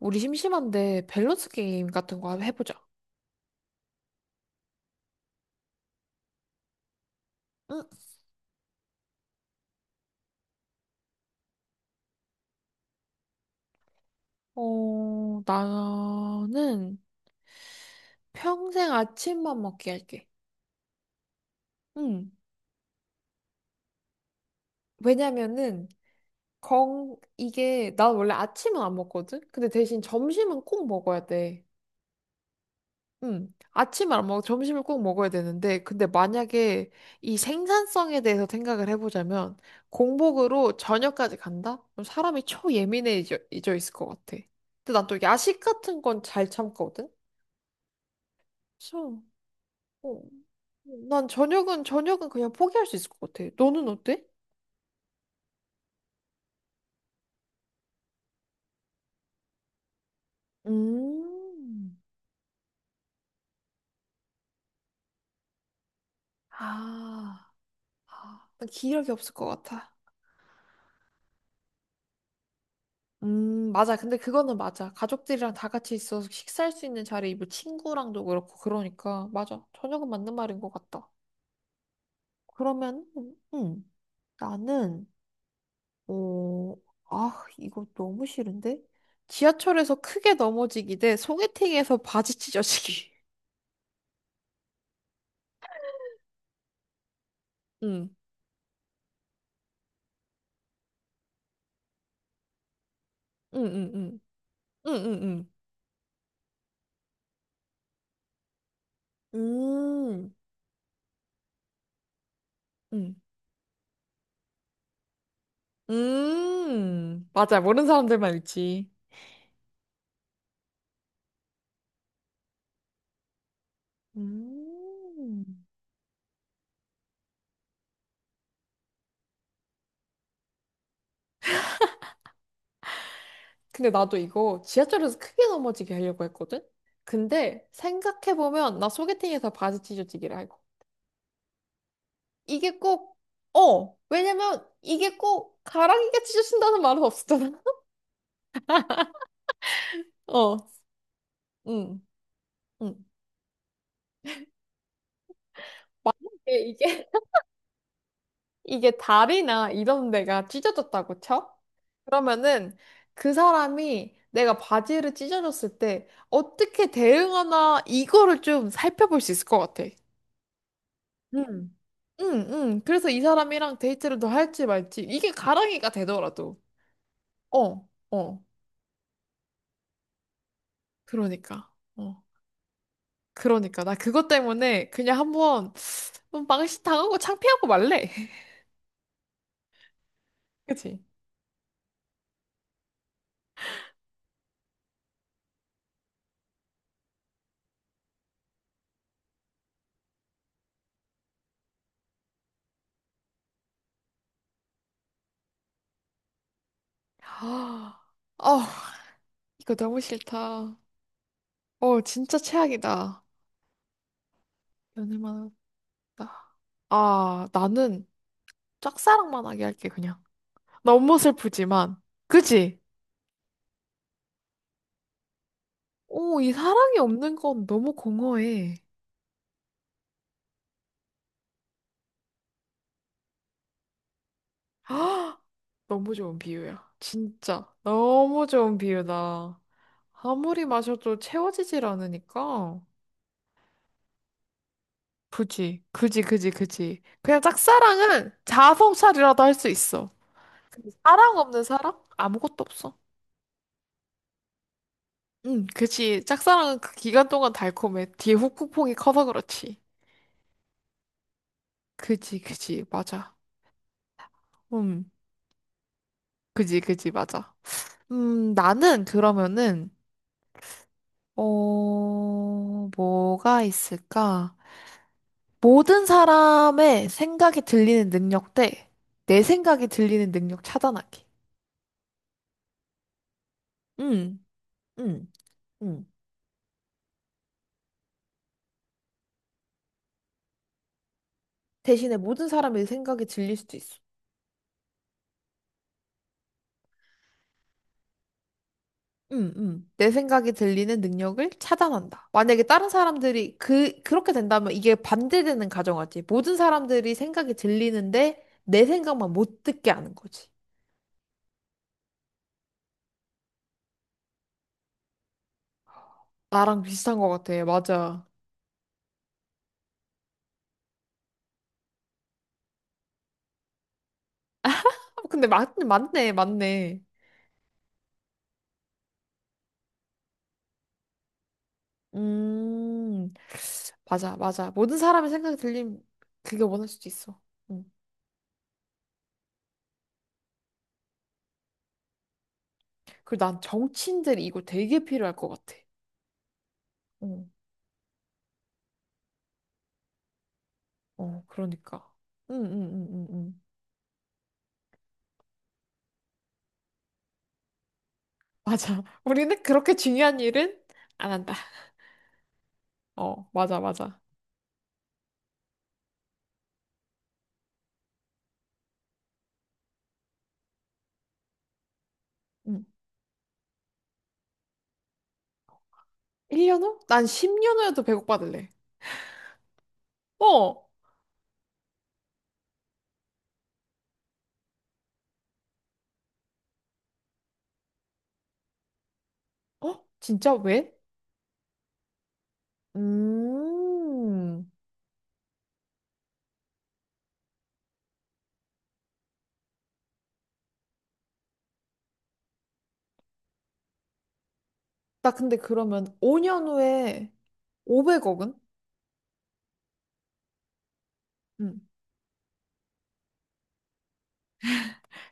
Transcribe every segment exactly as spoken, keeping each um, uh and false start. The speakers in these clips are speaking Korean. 우리 심심한데 밸런스 게임 같은 거 한번 해보자. 응, 어, 나는 평생 아침만 먹게 할게. 응. 왜냐면은, 건, 이게, 난 원래 아침은 안 먹거든? 근데 대신 점심은 꼭 먹어야 돼. 응. 아침을 안 먹고 점심을 꼭 먹어야 되는데, 근데 만약에 이 생산성에 대해서 생각을 해보자면, 공복으로 저녁까지 간다? 그럼 사람이 초예민해져 있을 것 같아. 근데 난 또 야식 같은 건 잘 참거든? 그래서 어, 난 저녁은 저녁은 그냥 포기할 수 있을 것 같아. 너는 어때? 음, 아, 아, 난 기력이 없을 것 같아. 음, 맞아. 근데 그거는 맞아. 가족들이랑 다 같이 있어서 식사할 수 있는 자리에 뭐 친구랑도 그렇고 그러니까 맞아. 저녁은 맞는 말인 것 같다. 그러면 음, 나는 어, 아, 이거 너무 싫은데? 지하철에서 크게 넘어지기 대 소개팅에서 바지 찢어지기. 응, 응, 응, 응응응. 음. 음. 음. 맞아. 모르는 사람들만 있지. 음. 근데 나도 이거 지하철에서 크게 넘어지게 하려고 했거든? 근데 생각해보면 나 소개팅에서 바지 찢어지기를 하고. 이게 꼭, 어! 왜냐면 이게 꼭 가랑이가 찢어진다는 말은 없었잖아. 어. 응. 응. 이게, 이게 이게 다리나 이런 데가 찢어졌다고 쳐? 그러면은 그 사람이 내가 바지를 찢어졌을 때 어떻게 대응하나 이거를 좀 살펴볼 수 있을 것 같아. 응, 응, 응. 그래서 이 사람이랑 데이트를 더 할지 말지. 이게 가랑이가 되더라도. 어, 어. 그러니까. 어. 그러니까. 나 그것 때문에 그냥 한번 망신 당하고 창피하고 말래. 그치? 아, 어, 이거 너무 싫다. 어, 진짜 최악이다. 연애만 했다. 아, 나는 짝사랑만 하게 할게, 그냥. 너무 슬프지만. 그지? 오, 이 사랑이 없는 건 너무 공허해. 아, 너무 좋은 비유야. 진짜. 너무 좋은 비유다. 아무리 마셔도 채워지질 않으니까. 그지, 그지, 그지, 그지. 그냥 짝사랑은 자아성찰이라도 할 수 있어. 근데 사랑 없는 사랑? 아무것도 없어. 응, 그지. 짝사랑은 그 기간 동안 달콤해. 뒤에 후폭풍이 커서 그렇지. 그지, 그지, 맞아. 음, 그지, 그지, 맞아. 음, 나는 그러면은, 어, 뭐가 있을까? 모든 사람의 생각이 들리는 능력 대 내 생각이 들리는 능력 차단하기. 음, 음, 음. 대신에 모든 사람의 생각이 들릴 수도 있어. 음, 음. 내 생각이 들리는 능력을 차단한다. 만약에 다른 사람들이 그, 그렇게 된다면 이게 반대되는 가정하지. 모든 사람들이 생각이 들리는데 내 생각만 못 듣게 하는 거지. 나랑 비슷한 것 같아. 맞아. 아, 근데 맞, 맞네, 맞네. 음, 맞아, 맞아. 모든 사람의 생각이 들림, 그게 원할 수도 있어. 음. 그리고 난 정치인들이 이거 되게 필요할 것 같아. 어, 어, 그러니까. 응, 응, 응, 응, 응. 맞아. 우리는 그렇게 중요한 일은 안 한다. 어, 맞아, 맞아. 응. 일 년 후? 난 십 년 후에도 배고파질래. 어, 어? 진짜 왜? 음. 나 근데 그러면 오 년 후에 오백억은? 응.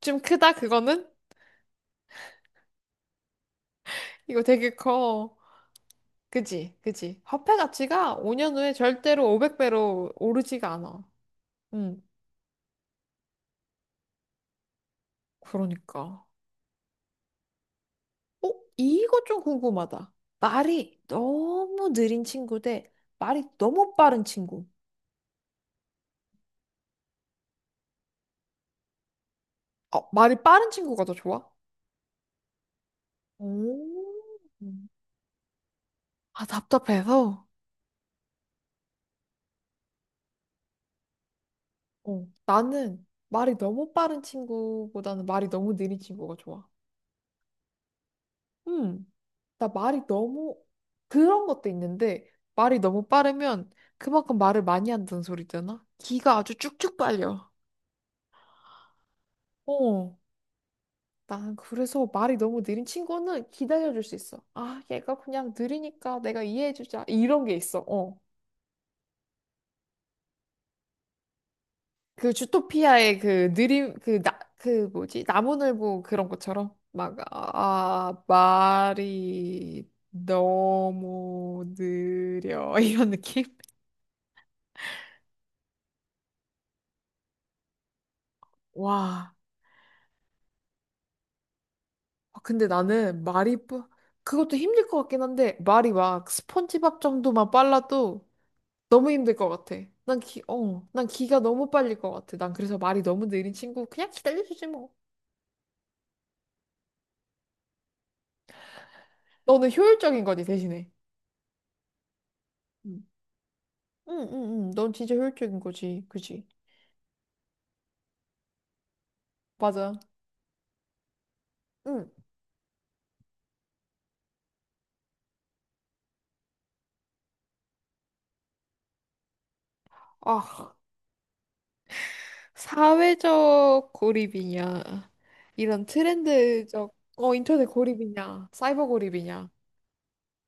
좀 크다, 그거는? 이거 되게 커. 그지, 그지. 화폐 가치가 오 년 후에 절대로 오백 배로 오르지가 않아. 응, 그러니까. 어? 이거 좀 궁금하다. 말이 너무 느린 친구 대 말이 너무 빠른 친구. 어, 말이 빠른 친구가 더 좋아? 오. 아, 답답해서. 어, 나는 말이 너무 빠른 친구보다는 말이 너무 느린 친구가 좋아. 음, 나 말이 너무 그런 것도 있는데 말이 너무 빠르면 그만큼 말을 많이 한다는 소리잖아. 기가 아주 쭉쭉 빨려. 어, 난 그래서 말이 너무 느린 친구는 기다려줄 수 있어. 아, 얘가 그냥 느리니까 내가 이해해주자. 이런 게 있어. 어. 그 주토피아의 그 느림, 그 나, 그 뭐지? 나무늘보 그런 것처럼. 막, 아, 아, 말이 너무 느려. 이런 느낌? 와. 아, 근데 나는 말이, 빠- 그것도 힘들 것 같긴 한데, 말이 막 스폰지밥 정도만 빨라도 너무 힘들 것 같아. 난 기, 어, 난 기가 너무 빨릴 것 같아. 난 그래서 말이 너무 느린 친구 그냥 기다려주지 뭐. 너는 효율적인 거지 대신에. 음. 응, 응, 응. 응. 넌 진짜 효율적인 거지. 그지? 맞아. 응. 아, 사회적 고립이냐. 이런 트렌드적, 어, 인터넷 고립이냐. 사이버 고립이냐.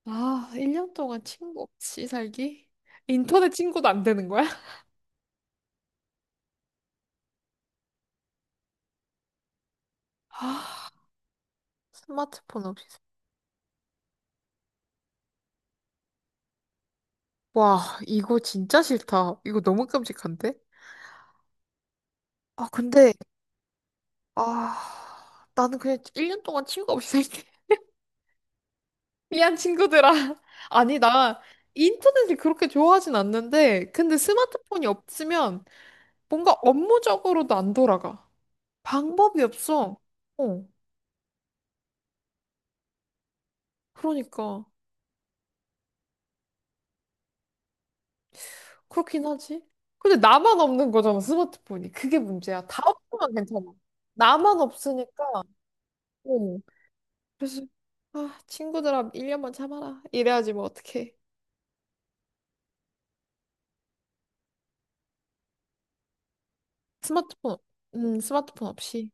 아, 일 년 동안 친구 없이 살기? 인터넷 친구도 안 되는 거야? 아, 스마트폰 없이. 살- 와, 이거 진짜 싫다. 이거 너무 끔찍한데? 아, 근데, 아, 나는 그냥 일 년 동안 친구가 없이 살게. 미안, 친구들아. 아니, 나 인터넷을 그렇게 좋아하진 않는데, 근데 스마트폰이 없으면 뭔가 업무적으로도 안 돌아가. 방법이 없어. 어, 그러니까. 그렇긴 하지. 근데 나만 없는 거잖아, 스마트폰이. 그게 문제야. 다 없으면 괜찮아. 나만 없으니까. 어. 그래서, 아, 친구들아, 일 년만 참아라. 이래야지 뭐, 어떡해. 스마트폰, 음, 스마트폰 없이.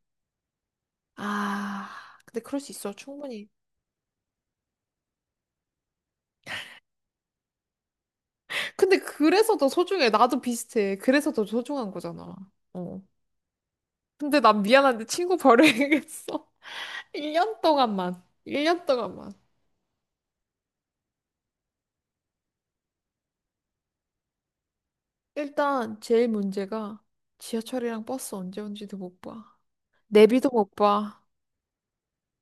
아, 근데 그럴 수 있어, 충분히. 근데 그래서 더 소중해. 나도 비슷해. 그래서 더 소중한 거잖아. 어. 근데 난 미안한데 친구 버려야겠어. 일 년 동안만. 일 년 동안만. 일단 제일 문제가 지하철이랑 버스 언제 온지도 못 봐. 내비도 못 봐.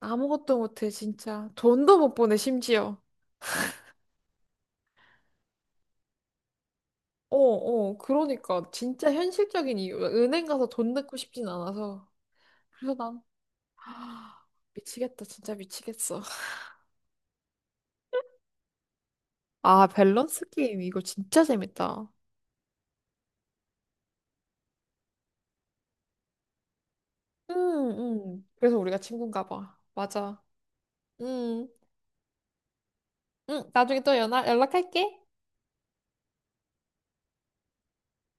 아무것도 못해, 진짜. 돈도 못 보내, 심지어. 어, 어, 그러니까. 진짜 현실적인 이유. 은행 가서 돈 넣고 싶진 않아서. 그래서 난, 아, 미치겠다, 진짜 미치겠어. 아, 밸런스 게임. 이거 진짜 재밌다. 응, 응. 그래서 우리가 친구인가 봐. 맞아. 음, 음, 나중에 또 연락, 연락할게.